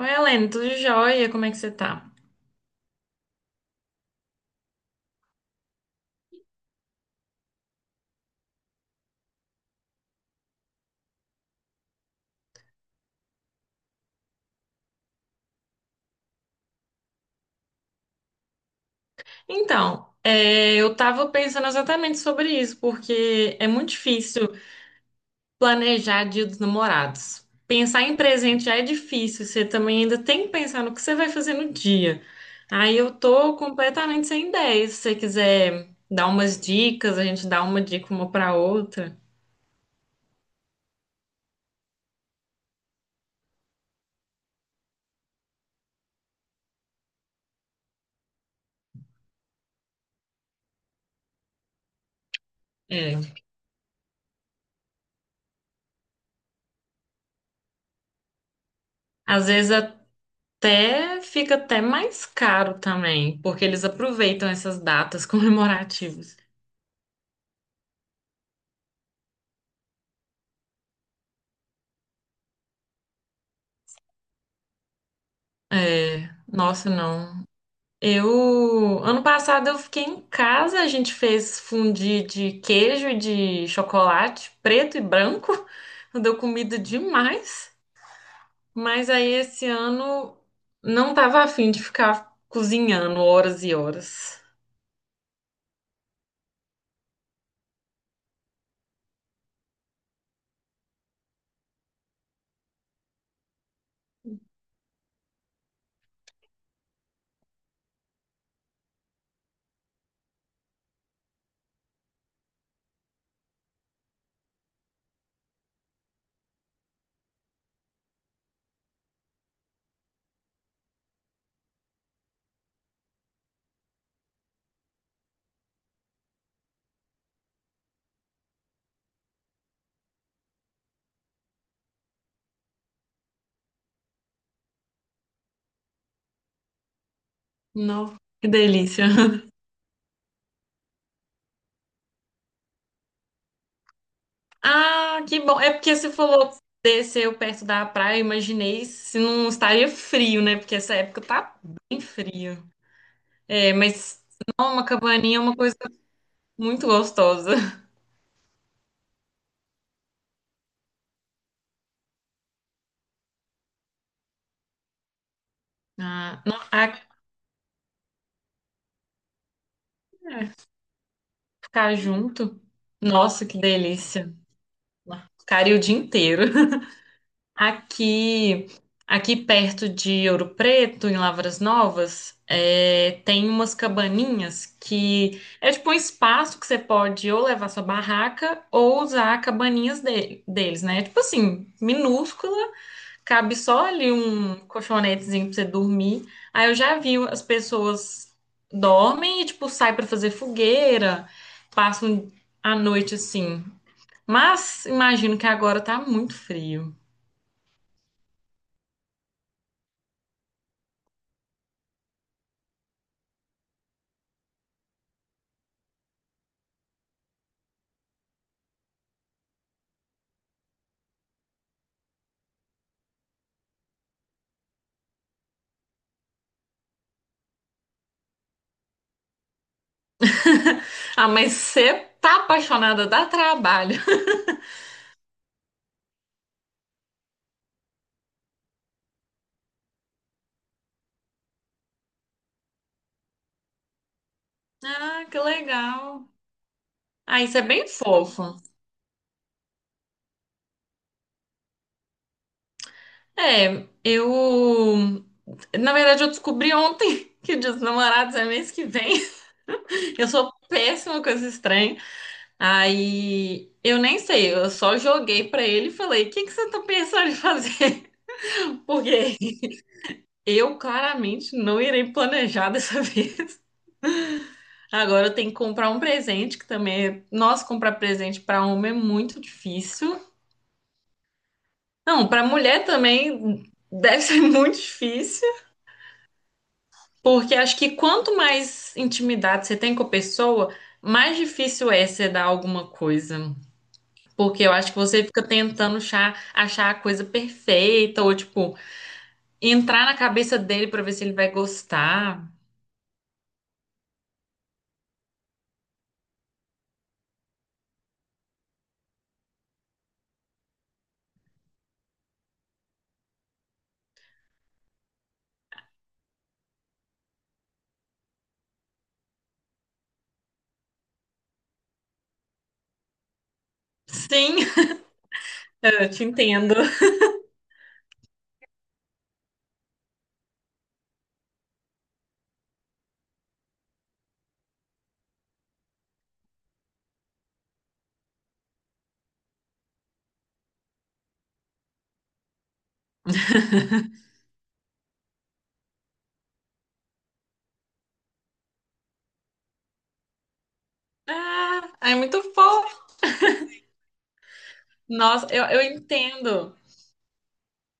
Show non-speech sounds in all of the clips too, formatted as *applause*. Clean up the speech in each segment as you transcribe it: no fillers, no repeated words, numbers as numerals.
Oi, Helene, tudo jóia? Como é que você tá? Então, eu tava pensando exatamente sobre isso, porque é muito difícil planejar Dia dos Namorados. Pensar em presente já é difícil, você também ainda tem que pensar no que você vai fazer no dia. Aí eu tô completamente sem ideia. Se você quiser dar umas dicas, a gente dá uma dica uma pra outra. É. Às vezes até fica até mais caro também, porque eles aproveitam essas datas *laughs* comemorativas. É, nossa, não. Ano passado eu fiquei em casa, a gente fez fondue de queijo e de chocolate preto e branco. *laughs* Deu comida demais. Mas aí esse ano não tava afim de ficar cozinhando horas e horas. Não, que delícia. *laughs* Ah, que bom. É porque você falou desceu perto da praia, eu imaginei se não estaria frio, né? Porque essa época tá bem frio. É, mas não, uma cabaninha é uma coisa muito gostosa. Ah, não, ah, ficar junto. Nossa, que delícia. Ficaria o dia inteiro. Aqui, aqui perto de Ouro Preto, em Lavras Novas, tem umas cabaninhas que é tipo um espaço que você pode ou levar sua barraca ou usar cabaninhas deles, né? Tipo assim, minúscula. Cabe só ali um colchonetezinho pra você dormir. Aí eu já vi as pessoas dormem e, tipo, saem pra fazer fogueira, passam a noite assim. Mas imagino que agora tá muito frio. *laughs* Ah, mas você tá apaixonada, dá trabalho. *laughs* Ah, que legal. Ah, isso é bem fofo. É, eu. Na verdade, eu descobri ontem *laughs* que o Dia dos Namorados é mês que vem. *laughs* Eu sou péssima com esses trem. Aí eu nem sei, eu só joguei pra ele e falei: o que que você tá pensando em fazer? *laughs* Porque eu claramente não irei planejar dessa *laughs* vez. Agora eu tenho que comprar um presente, que também é. Nossa, comprar presente pra homem é muito difícil. Não, pra mulher também deve *laughs* ser muito difícil, porque acho que quanto mais intimidade você tem com a pessoa, mais difícil é você dar alguma coisa. Porque eu acho que você fica tentando achar a coisa perfeita, ou tipo, entrar na cabeça dele pra ver se ele vai gostar. Sim, *laughs* eu te entendo. Ah, é muito fofo. Nossa, eu entendo.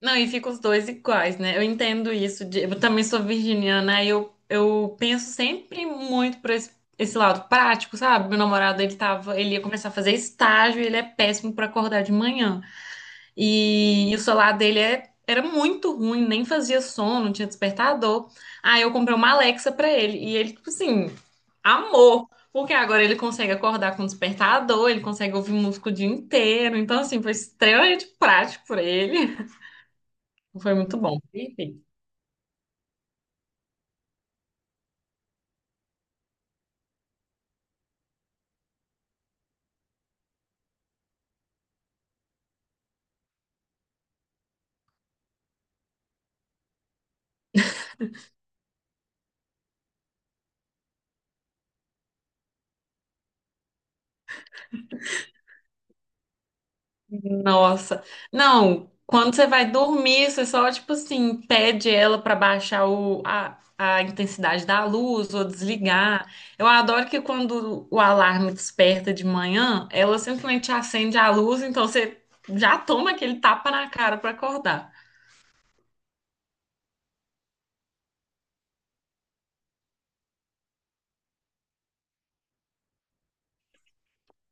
Não, e fica os dois iguais, né? Eu entendo isso. Eu também sou virginiana, eu penso sempre muito por esse lado prático, sabe? Meu namorado, ele ia começar a fazer estágio, e ele é péssimo pra acordar de manhã. E o celular dele era muito ruim, nem fazia som, não tinha despertador. Aí eu comprei uma Alexa pra ele. E ele, tipo assim, amor. Porque agora ele consegue acordar com despertador, ele consegue ouvir música o dia inteiro. Então, assim, foi extremamente prático pra ele. *laughs* Foi muito bom. Nossa. Não, quando você vai dormir, você só, tipo assim, pede ela pra baixar o, a intensidade da luz ou desligar. Eu adoro que quando o alarme desperta de manhã, ela simplesmente acende a luz, então você já toma aquele tapa na cara pra acordar.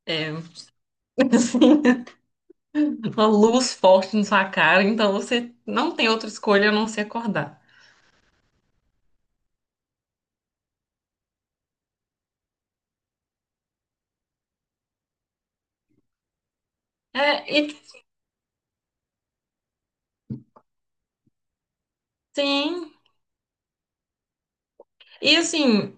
É, *laughs* assim, uma luz forte na sua cara, então você não tem outra escolha a não ser acordar. É, e sim. E assim,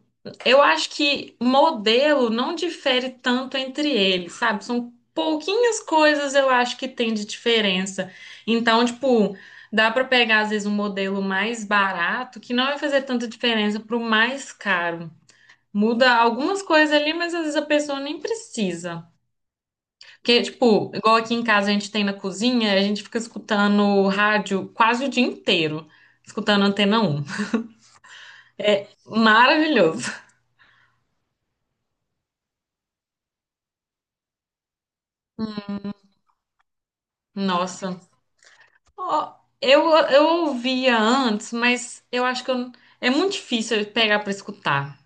eu acho que modelo não difere tanto entre eles, sabe? São pouquinhas coisas eu acho que tem de diferença. Então, tipo, dá pra pegar às vezes um modelo mais barato que não vai fazer tanta diferença pro mais caro. Muda algumas coisas ali, mas às vezes a pessoa nem precisa. Porque, tipo, igual aqui em casa a gente tem na cozinha, a gente fica escutando rádio quase o dia inteiro, escutando Antena 1 Maravilhoso. Nossa. Ó, eu ouvia antes, mas eu acho que eu, é muito difícil eu pegar pra escutar.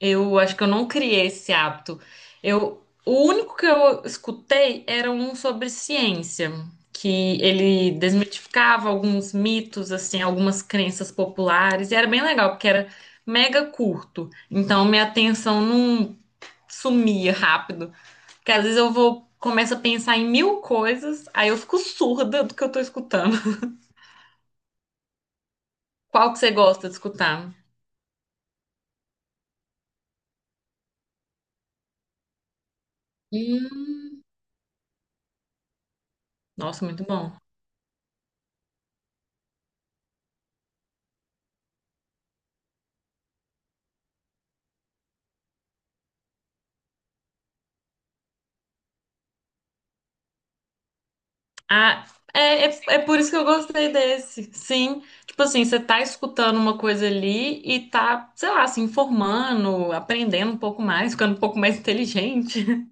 Eu acho que eu não criei esse hábito. Eu, o único que eu escutei era um sobre ciência, que ele desmitificava alguns mitos, assim, algumas crenças populares, e era bem legal, porque era mega curto. Então minha atenção não sumia rápido, porque às vezes eu vou começo a pensar em mil coisas, aí eu fico surda do que eu tô escutando. Qual que você gosta de escutar? Hum, nossa, muito bom. Ah, é por isso que eu gostei desse. Sim, tipo assim, você tá escutando uma coisa ali e tá, sei lá, se informando, aprendendo um pouco mais, ficando um pouco mais inteligente.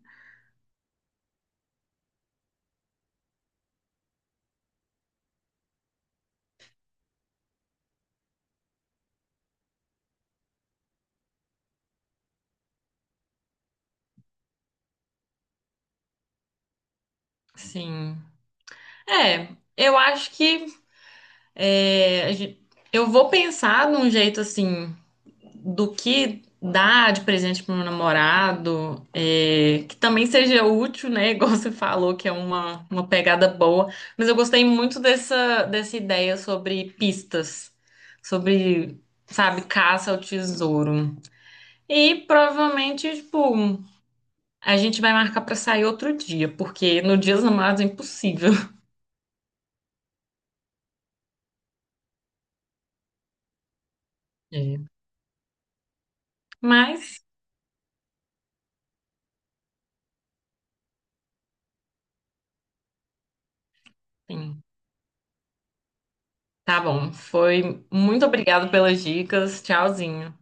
*laughs* Sim. É, eu acho que é, eu vou pensar num jeito assim do que dar de presente pro meu namorado, que também seja útil, né? *laughs* Igual você falou, que é uma pegada boa. Mas eu gostei muito dessa, dessa ideia sobre pistas, sobre, sabe, caça ao tesouro. E provavelmente, tipo, a gente vai marcar pra sair outro dia, porque no Dia dos Namorados é impossível. *laughs* É. Mas, enfim, tá bom. Foi muito obrigado pelas dicas. Tchauzinho.